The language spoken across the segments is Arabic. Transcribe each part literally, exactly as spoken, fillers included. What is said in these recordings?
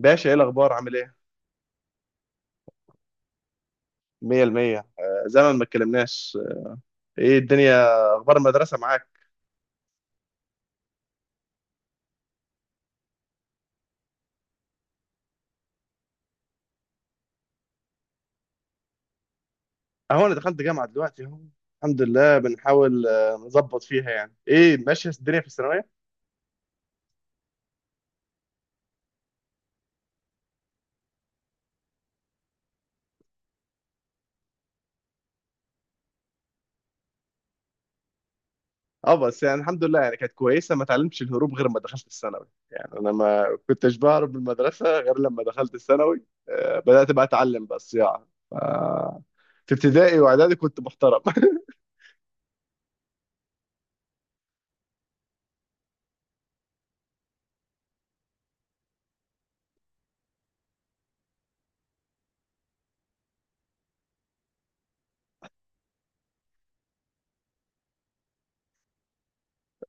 باشا، ايه الاخبار؟ عامل ايه؟ مية المية. آه، زمن ما اتكلمناش. آه، ايه الدنيا؟ اخبار المدرسة معاك؟ اهو انا دخلت جامعة دلوقتي اهو. الحمد لله، بنحاول آه، نظبط فيها. يعني ايه ماشية الدنيا في الثانوية. اه بس يعني الحمد لله، يعني كانت كويسة. ما اتعلمتش الهروب غير ما دخلت الثانوي، يعني انا ما كنتش بهرب من المدرسة غير لما دخلت الثانوي. آه، بدأت بقى اتعلم بقى الصياعة، ف- في ابتدائي واعدادي كنت محترم.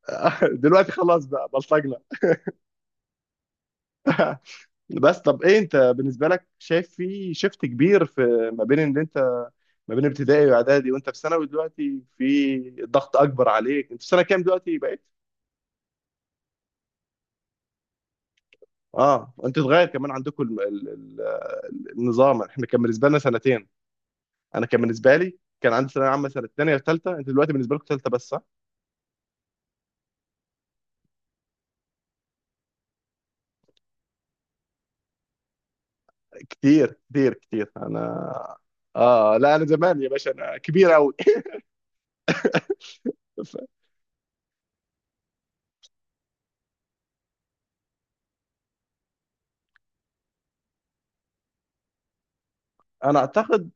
دلوقتي خلاص بقى بلطجنا. بس طب ايه، انت بالنسبه لك شايف في شيفت كبير في ما بين ان انت ما بين ابتدائي واعدادي وانت في ثانوي دلوقتي؟ في ضغط اكبر عليك؟ انت في سنه كام دلوقتي بقيت؟ اه، انت اتغير كمان عندكم ال- ال- ال- النظام. احنا كان بالنسبه لنا سنتين، انا كان بالنسبه لي كان عندي ثانويه عامه سنه ثانيه وثالثه، انت دلوقتي بالنسبه لكم ثالثه بس، صح؟ كتير كتير كتير انا. اه لا، انا زمان يا باشا، انا كبير قوي. ف- انا اعتقد،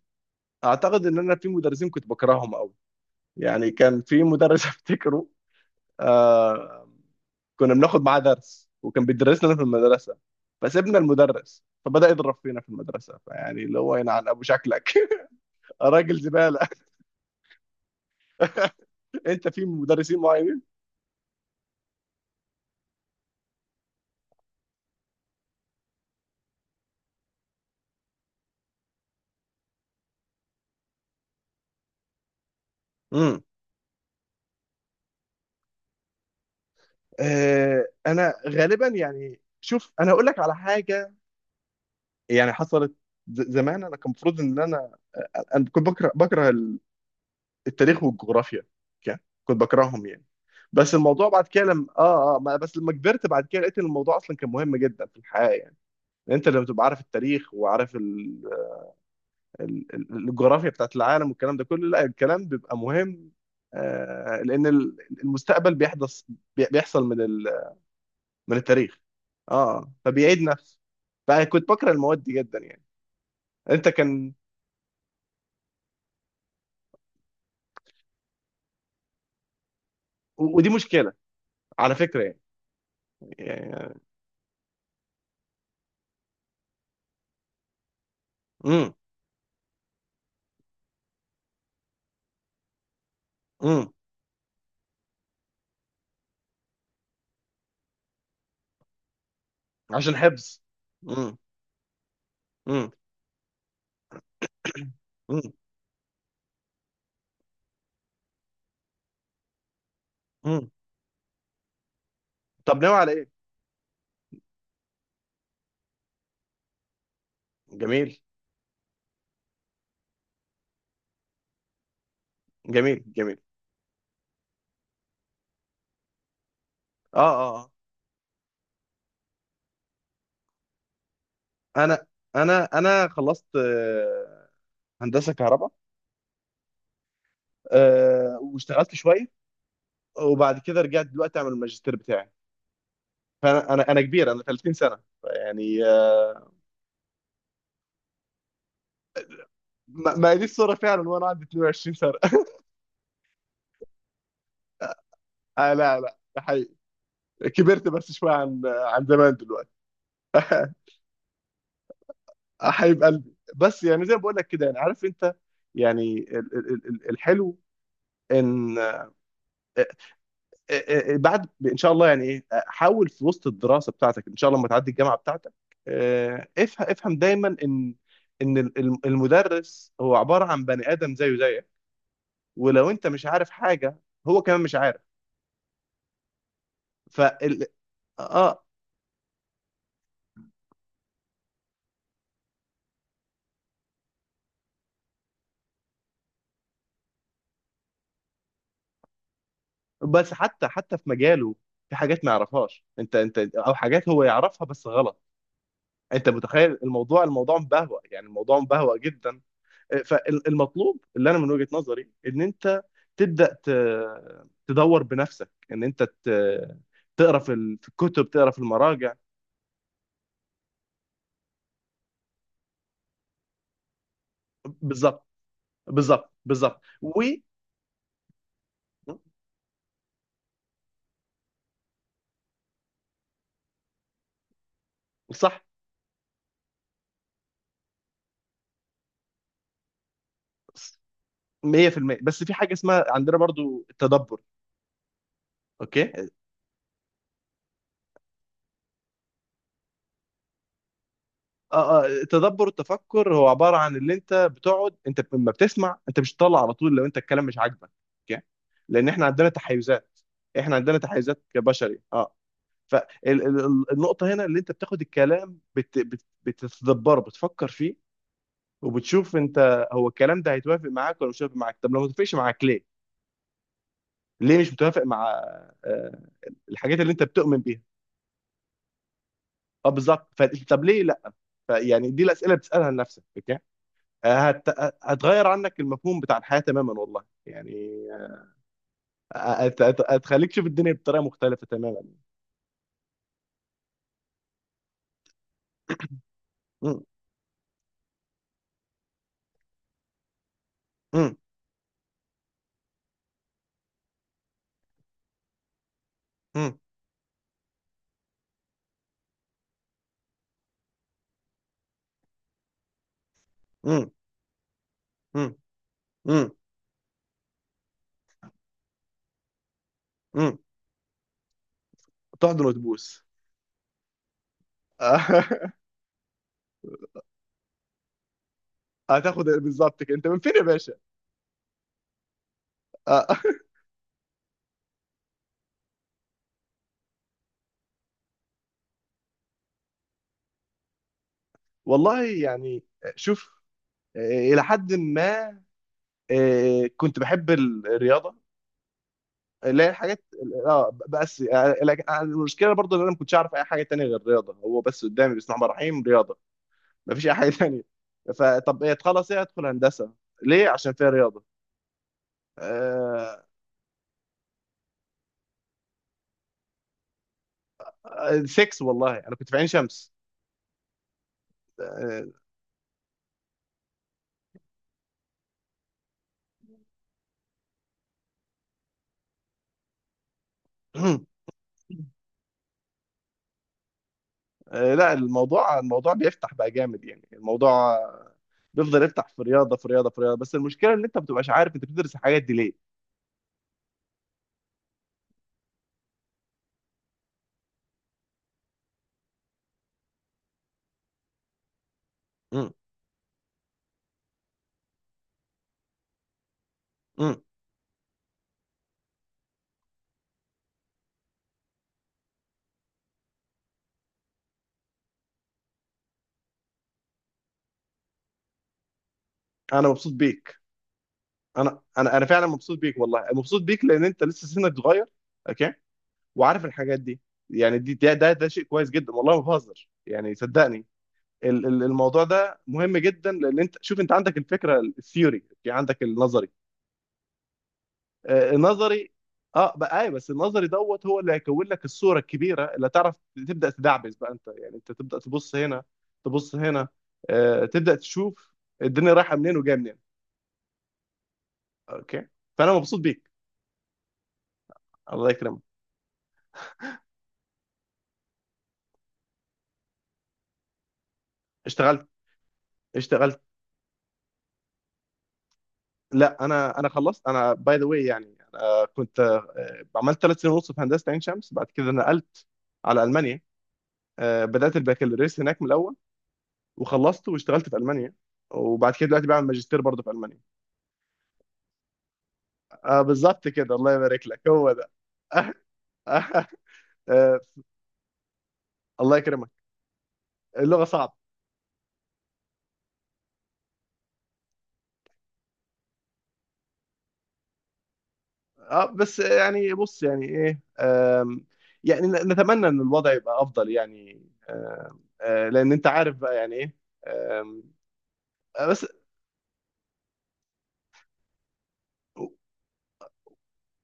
اعتقد ان انا في مدرسين كنت بكرههم قوي. يعني كان في مدرس افتكره. آه كنا بناخد معاه درس، وكان بيدرسنا في المدرسه، فسيبنا المدرس فبدأ يضرب فينا في المدرسه. فيعني اللي هو ينعل ابو شكلك. راجل زباله. انت في مدرسين معينين؟ امم. آه انا غالبا، يعني شوف، انا اقول لك على حاجه. يعني حصلت، ز- زمان انا كان المفروض ان انا انا كنت بكره بكره ال- التاريخ والجغرافيا. كان كنت بكرههم يعني. بس الموضوع بعد كده لما اه اه ما- بس لما كبرت بعد كده، لقيت ان الموضوع اصلا كان مهم جدا في الحياه يعني. انت لما تبقى عارف التاريخ، وعارف ال... ال... ال- الجغرافيا بتاعت العالم والكلام ده كله، لا، الكلام بيبقى مهم. آه لان ال- المستقبل بيحدث، بي- بيحصل من ال... من التاريخ. اه فبيعيد نفسه. فكنت بكره المواد دي جدا يعني. انت كان، و- ودي مشكله على فكره يعني. يعني- امم. امم، عشان حفظ. امم. امم. امم. امم. طب ناوي على ايه؟ جميل. جميل. جميل. اه اه آه. انا انا انا خلصت هندسه كهرباء. أه واشتغلت شويه، وبعد كده رجعت دلوقتي اعمل الماجستير بتاعي. فانا انا انا كبير، انا 30 سنه يعني أه ما ما هي دي الصوره فعلا، وانا عندي 22 سنه. آه لا لا، ده حقيقي. كبرت بس شويه عن عن زمان دلوقتي. آه، حبيب قلبي، بس يعني زي ما بقول لك كده، يعني عارف انت، يعني ال- ال- ال- الحلو ان آه، آه، آه، بعد ان شاء الله يعني ايه، آه، حاول في وسط الدراسه بتاعتك ان شاء الله لما تعدي الجامعه بتاعتك، آه، افهم، افهم دايما ان ان ال- الم- المدرس هو عباره عن بني ادم زيه زيك. ولو انت مش عارف حاجه، هو كمان مش عارف. فال اه بس حتى، حتى في مجاله، في حاجات ما يعرفهاش انت، انت او حاجات هو يعرفها بس غلط. انت متخيل الموضوع، الموضوع مبهوأ يعني، الموضوع مبهوأ جدا. فالمطلوب اللي انا من وجهة نظري ان انت تبدا، ت- تدور بنفسك، ان انت ت- تقرا في ال- في الكتب، تقرا في المراجع. بالظبط. بالظبط. بالظبط. و صح، مية في المية. بس في حاجه اسمها عندنا برضو التدبر. اوكي. اه اه التدبر، التفكر، هو عباره عن اللي انت بتقعد. انت لما بتسمع انت مش بتطلع على طول لو انت الكلام مش عاجبك. اوكي. لان احنا عندنا تحيزات، احنا عندنا تحيزات كبشري، اه. فالنقطة هنا اللي انت بتاخد الكلام، بت... بت... بتتدبره، بتفكر فيه، وبتشوف انت هو الكلام ده هيتوافق معاك ولا مش هيتوافق معاك. طب لو ما توافقش معاك، ليه؟ ليه مش متوافق مع آه، الحاجات اللي انت بتؤمن بيها؟ اه، بالظبط. ف... طب ليه لا؟ فيعني دي الأسئلة بتسألها لنفسك، اوكي؟ آه، هت... هتغير عنك المفهوم بتاع الحياة تماما والله يعني. آه، هت... هت... هتخليك تشوف الدنيا بطريقة مختلفة تماما. م- م- م- م- م- م- م- تحضن وتبوس. هتاخد بالظبط كده، انت من فين يا باشا؟ آه. والله يعني، شوف، آه، الى حد ما آه، كنت بحب ال- الرياضه، اللي هي الحاجات. اه بس آه، لكن المشكله برضو ان انا ما كنتش اعرف اي حاجه تانية غير الرياضه. هو بس قدامي بسم الله الرحمن الرحيم رياضه، ما فيش اي حاجه تانية. فطب ايه تخلص، ايه ادخل هندسه؟ ليه؟ عشان فيها رياضه. سكس، والله انا كنت في عين شمس. آه، آه، لا، الموضوع، الموضوع بيفتح بقى جامد يعني الموضوع، آه، بيفضل يفتح في رياضه في رياضه في رياضه. بس المشكله ان انت ما بتبقاش عارف انت بتدرس الحاجات دي ليه. امم. امم. انا مبسوط بيك. انا انا انا فعلا مبسوط بيك والله، مبسوط بيك لان انت لسه سنك صغير، اوكي، وعارف الحاجات دي. يعني دي ده ده, ده شيء كويس جدا والله، ما بهزر يعني، صدقني. ال- ال- الموضوع ده مهم جدا، لان انت شوف، انت عندك الفكره الثيوري، عندك النظري. آه، النظري، اه بقى، ايوه بس النظري دوت هو اللي هيكون لك الصوره الكبيره اللي تعرف تبدا تدعبس بقى انت، يعني انت تبدا تبص هنا، تبص هنا، آه، تبدا تشوف الدنيا رايحه منين وجايه منين. اوكي. فانا مبسوط بيك. الله يكرمك. اشتغلت. اشتغلت. لا، انا انا خلصت. انا باي ذا واي، يعني انا كنت آه، عملت ثلاث سنين ونص في هندسه عين شمس، بعد كده نقلت على المانيا. آه، بدات البكالوريوس هناك من الاول، وخلصت واشتغلت في المانيا، وبعد كده دلوقتي بعمل ماجستير برضه في المانيا. آه بالظبط كده، الله يبارك لك، هو ده. آه آه آه الله يكرمك. اللغة صعبة. آه بس يعني بص يعني ايه، آم، يعني ن- نتمنى ان الوضع يبقى افضل يعني. آم، آه لان انت عارف بقى يعني ايه، آم، آه بس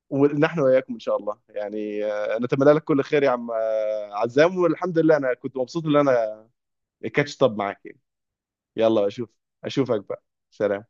ونحن واياكم ان شاء الله يعني. آه نتمنى لك كل خير يا عم، آه، عزام. والحمد لله، انا كنت مبسوط ان انا كاتش طب معاك يعني. يلا، اشوف اشوفك بقى. سلام.